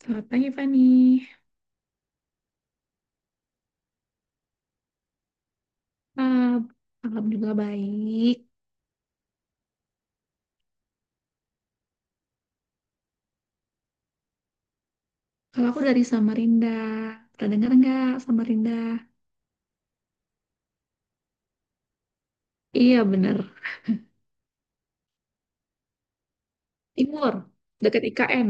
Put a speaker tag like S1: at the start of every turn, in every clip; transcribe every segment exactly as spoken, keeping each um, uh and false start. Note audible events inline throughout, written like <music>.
S1: Selamat pagi Fani. Ah, Alhamdulillah baik. Kalau aku dari Samarinda, pernah dengar nggak Samarinda? Iya bener. Timur, dekat I K N.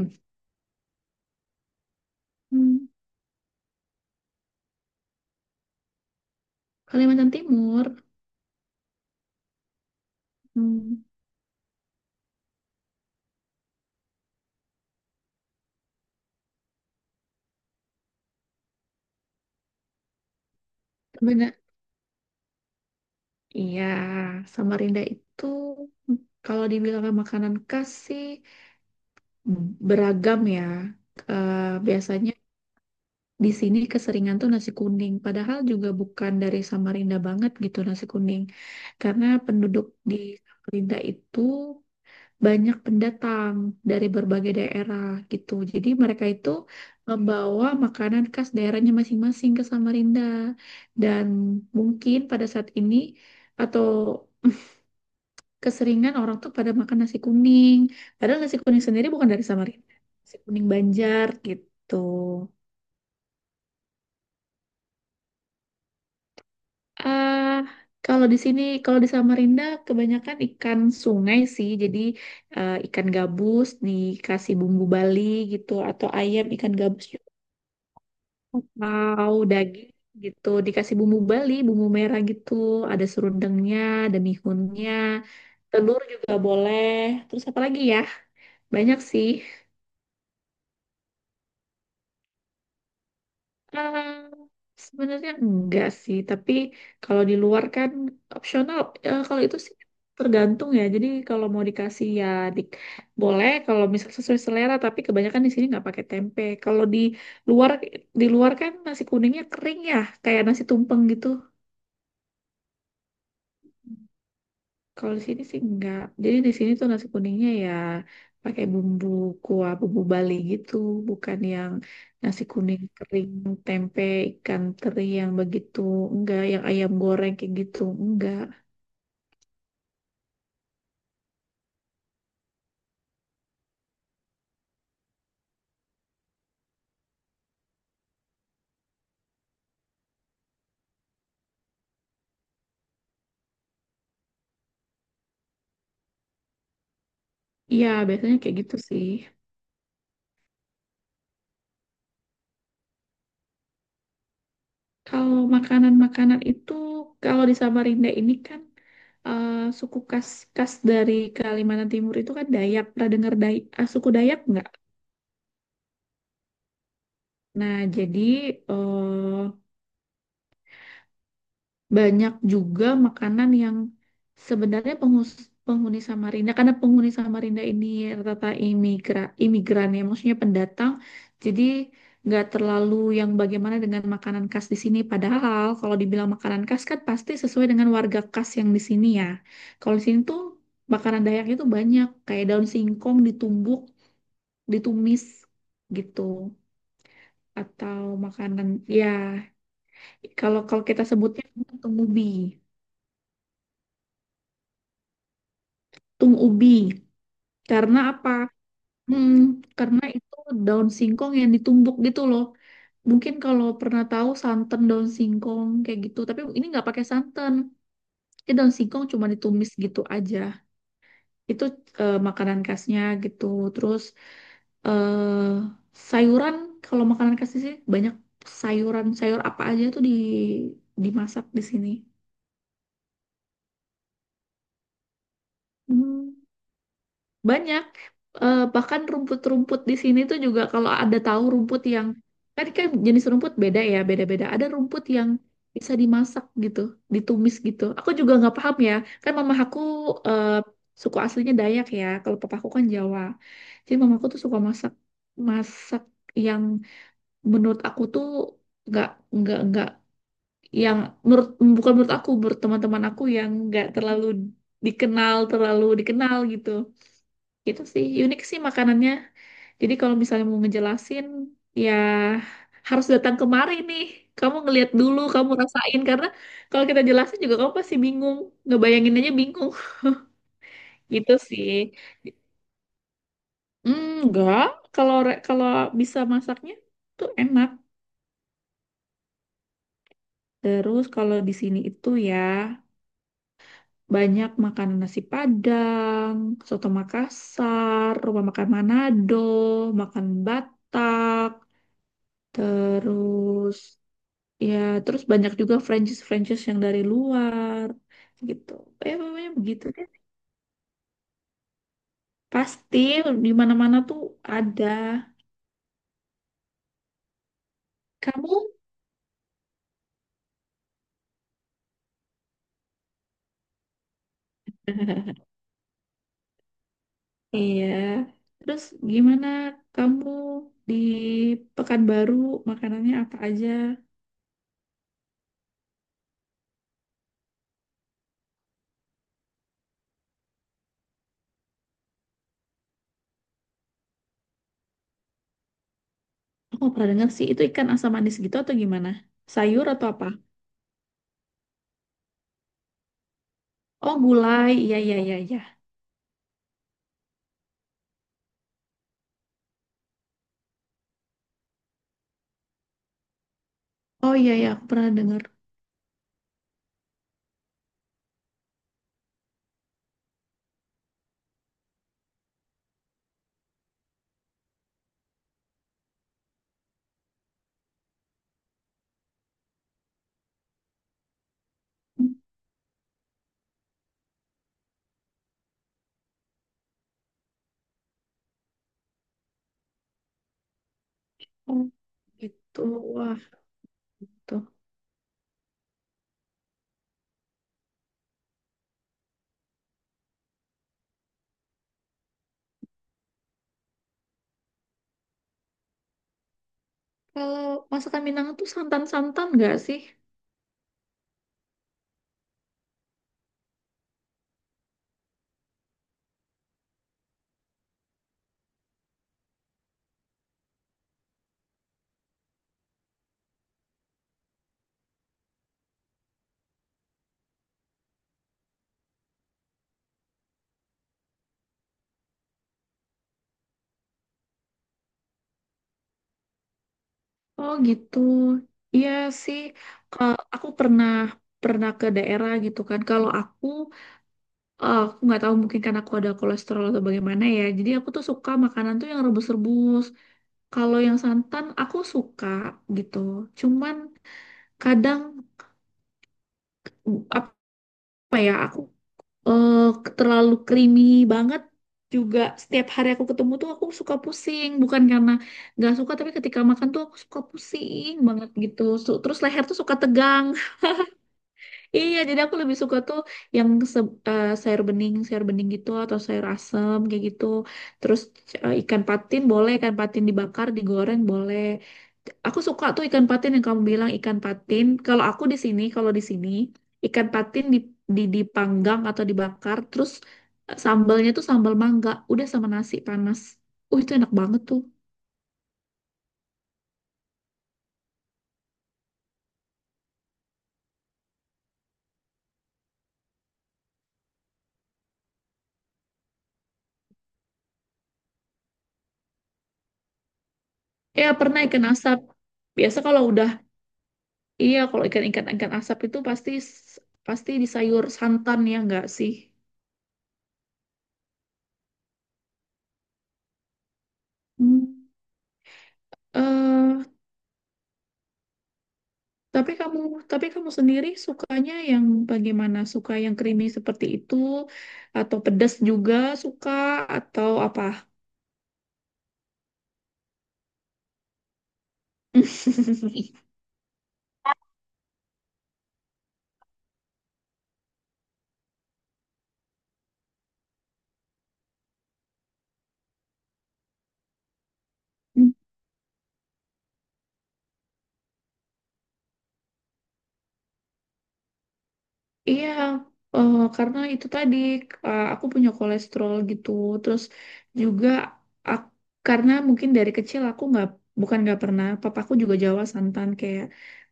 S1: Hmm. Kalimantan Timur. Hmm. Bener. Iya, Samarinda itu hmm, kalau dibilang makanan khas sih hmm, beragam ya. Eh, biasanya di sini keseringan tuh nasi kuning, padahal juga bukan dari Samarinda banget gitu nasi kuning. Karena penduduk di Samarinda itu banyak pendatang dari berbagai daerah gitu. Jadi mereka itu membawa makanan khas daerahnya masing-masing ke Samarinda. Dan mungkin pada saat ini atau <laughs> keseringan orang tuh pada makan nasi kuning. Padahal nasi kuning sendiri bukan dari Samarinda. Nasi kuning Banjar gitu. Ah, kalau di sini, kalau di Samarinda, kebanyakan ikan sungai sih. Jadi eh, ikan gabus dikasih bumbu Bali gitu, atau ayam ikan gabus juga, atau daging gitu dikasih bumbu Bali, bumbu merah gitu. Ada serundengnya, ada mihunnya, telur juga boleh. Terus apa lagi ya? Banyak sih. Eh, sebenarnya enggak sih, tapi kalau di luar kan opsional. Eh, kalau itu sih tergantung ya. Jadi kalau mau dikasih ya di- boleh. Kalau misal sesuai selera, tapi kebanyakan di sini nggak pakai tempe. Kalau di luar di luar kan nasi kuningnya kering ya, kayak nasi tumpeng gitu. Kalau di sini sih enggak. Jadi di sini tuh nasi kuningnya ya pakai bumbu kuah bumbu Bali gitu, bukan yang nasi kuning kering, tempe, ikan teri yang begitu, enggak yang ayam goreng kayak gitu, enggak. Iya, biasanya kayak gitu sih. Kalau makanan-makanan itu, kalau di Samarinda ini kan eh, suku khas khas dari Kalimantan Timur itu kan Dayak. Pernah dengar Day- eh, suku Dayak enggak? Nah, jadi eh, banyak juga makanan yang sebenarnya pengus- penghuni Samarinda, karena penghuni Samarinda ini rata-rata imigra, imigran, ya maksudnya pendatang, jadi nggak terlalu yang bagaimana dengan makanan khas di sini, padahal kalau dibilang makanan khas kan pasti sesuai dengan warga khas yang di sini ya. Kalau di sini tuh makanan Dayaknya tuh banyak, kayak daun singkong ditumbuk, ditumis gitu, atau makanan ya, kalau kalau kita sebutnya tung ubi, tung ubi. Karena apa? Hmm, karena itu daun singkong yang ditumbuk gitu loh. Mungkin kalau pernah tahu santan daun singkong kayak gitu, tapi ini nggak pakai santan. Ini daun singkong cuma ditumis gitu aja. Itu eh, makanan khasnya gitu. Terus eh sayuran, kalau makanan khas sih banyak sayuran. Sayur apa aja tuh di dimasak di sini. Hmm. Banyak eh, bahkan rumput-rumput di sini tuh juga, kalau ada tahu rumput yang, kan kan jenis rumput beda ya, beda-beda. Ada rumput yang bisa dimasak gitu, ditumis gitu. Aku juga nggak paham ya, kan mama aku eh, suku aslinya Dayak ya, kalau papaku kan Jawa. Jadi mamaku tuh suka masak masak yang menurut aku tuh nggak nggak nggak yang, menurut, bukan menurut aku, menurut teman-teman aku yang nggak terlalu dikenal terlalu dikenal gitu. Gitu sih, unik sih makanannya. Jadi kalau misalnya mau ngejelasin, ya harus datang kemari nih. Kamu ngeliat dulu, kamu rasain. Karena kalau kita jelasin juga kamu pasti bingung. Ngebayangin aja bingung. <laughs> Gitu sih. Hmm, enggak, kalau re- kalau bisa masaknya tuh enak. Terus kalau di sini itu ya banyak makanan nasi Padang, soto Makassar, rumah makan Manado, makan Batak, terus Ya, terus banyak juga franchise-franchise yang dari luar gitu. Eh, pokoknya begitu deh. Pasti di mana-mana tuh ada. Kamu? Iya. Terus gimana kamu di Pekanbaru makanannya apa aja? Aku nggak pernah dengar sih itu, ikan asam manis gitu atau gimana? Sayur atau apa? Oh, gulai. Iya, iya, iya, iya. Oh iya, iya, aku pernah dengar. Oh, gitu. Wah, tuh. Kalau masakan Minang tuh santan-santan nggak sih? Oh gitu. Iya sih, Ka- aku pernah pernah ke daerah gitu kan. Kalau aku, eh, aku nggak tahu, mungkin karena aku ada kolesterol atau bagaimana ya. Jadi aku tuh suka makanan tuh yang rebus-rebus. Kalau yang santan aku suka gitu. Cuman kadang, mm, apa ya, aku eh, terlalu creamy banget juga. Setiap hari aku ketemu tuh aku suka pusing. Bukan karena nggak suka, tapi ketika makan tuh aku suka pusing banget gitu. Su- Terus leher tuh suka tegang. Iya, jadi aku lebih suka tuh yang, se- eh, sayur bening, sayur bening gitu, atau sayur asem kayak gitu. Terus eh, ikan patin boleh, ikan patin dibakar, digoreng boleh. Aku suka tuh ikan patin, yang kamu bilang ikan patin. Kalau aku di sini, kalau di sini, ikan patin di, di dipanggang atau dibakar, terus eh, sambalnya tuh sambal mangga, udah sama nasi panas. Uh, itu enak banget tuh. Ya, pernah ikan asap. Biasa kalau udah. Iya, kalau ikan-ikan asap itu pasti pasti di sayur santan ya nggak sih? Hmm. eh tapi kamu tapi kamu sendiri sukanya yang bagaimana? Suka yang creamy seperti itu, atau pedas juga suka, atau apa? <laughs> Iya, eh, karena itu tadi, eh, aku punya kolesterol gitu. Terus juga, ak- karena mungkin dari kecil aku nggak, bukan nggak pernah, papaku juga Jawa santan kayak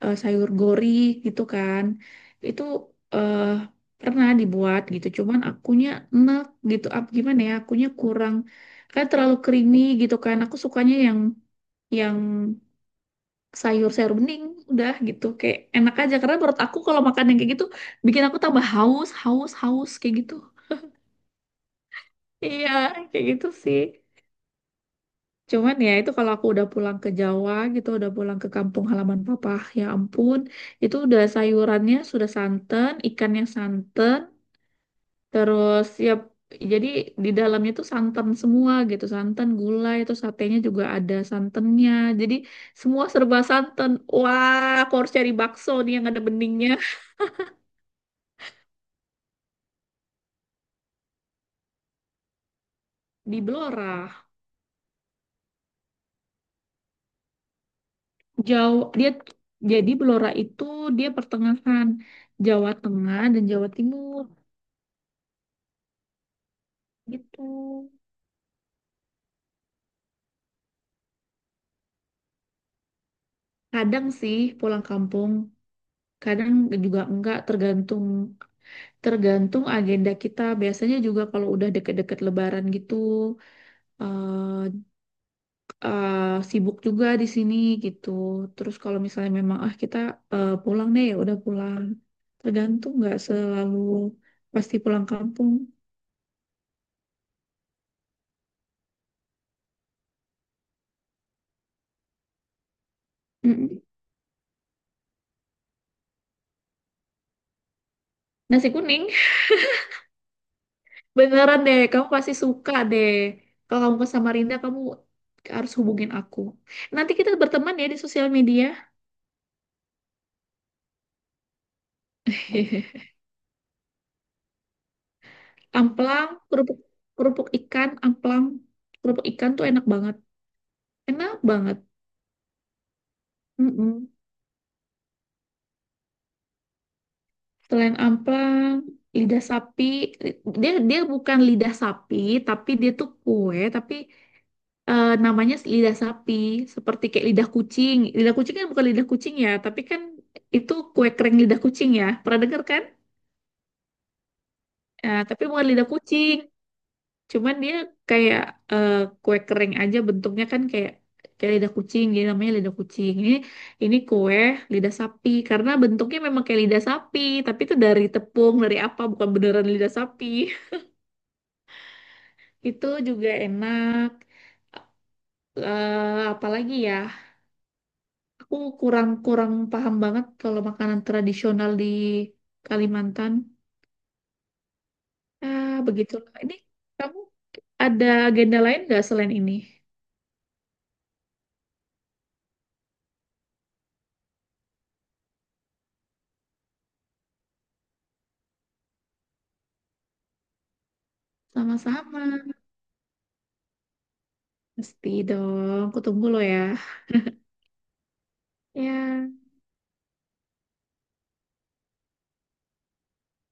S1: eh, sayur gori gitu kan. Itu eh, pernah dibuat gitu. Cuman akunya enak gitu. Apa gimana ya? Akunya kurang, kayak terlalu creamy gitu kan. Aku sukanya yang yang sayur sayur bening, udah gitu kayak enak aja. Karena menurut aku kalau makan yang kayak gitu bikin aku tambah haus, haus, haus kayak gitu. Iya, kayak gitu sih. Cuman ya itu, kalau aku udah pulang ke Jawa gitu, udah pulang ke kampung halaman papa, ya ampun, itu udah sayurannya sudah santan, ikannya santan, terus ya jadi di dalamnya tuh santan semua gitu, santan gulai, terus satenya juga ada santannya. Jadi semua serba santan. Wah, aku harus cari bakso nih yang ada beningnya. Di Belora. Jauh dia, jadi Belora itu dia pertengahan Jawa Tengah dan Jawa Timur gitu. Kadang sih pulang kampung, kadang juga enggak, tergantung tergantung agenda kita. Biasanya juga kalau udah deket-deket Lebaran gitu, eh eh, sibuk juga di sini gitu. Terus kalau misalnya memang, ah kita eh, pulang deh, ya udah pulang. Tergantung, nggak selalu pasti pulang kampung. Mm-mm. Nasi kuning. Beneran deh, kamu pasti suka deh. Kalau kamu ke Samarinda, kamu harus hubungin aku. Nanti kita berteman ya di sosial media. <laughs> Amplang, kerupuk kerupuk ikan, amplang, kerupuk ikan tuh enak banget. Enak banget. Mm-mm. Selain amplang, lidah sapi, li- dia dia bukan lidah sapi, tapi dia tuh kue, tapi eh, namanya lidah sapi, seperti kayak lidah kucing. Lidah kucing kan bukan lidah kucing ya, tapi kan itu kue kering lidah kucing ya. Pernah dengar kan? Eh, tapi bukan lidah kucing, cuman dia kayak eh, kue kering aja, bentuknya kan kayak kayak lidah kucing, jadi namanya lidah kucing. Ini ini kue lidah sapi, karena bentuknya memang kayak lidah sapi, tapi itu dari tepung, dari apa, bukan beneran lidah sapi. <laughs> Itu juga enak. Eh, apalagi ya, aku kurang kurang paham banget kalau makanan tradisional di Kalimantan. Ah, begitulah. Ini, kamu ada agenda lain nggak selain ini? Sama-sama. Pasti dong, aku tunggu lo ya. Ya,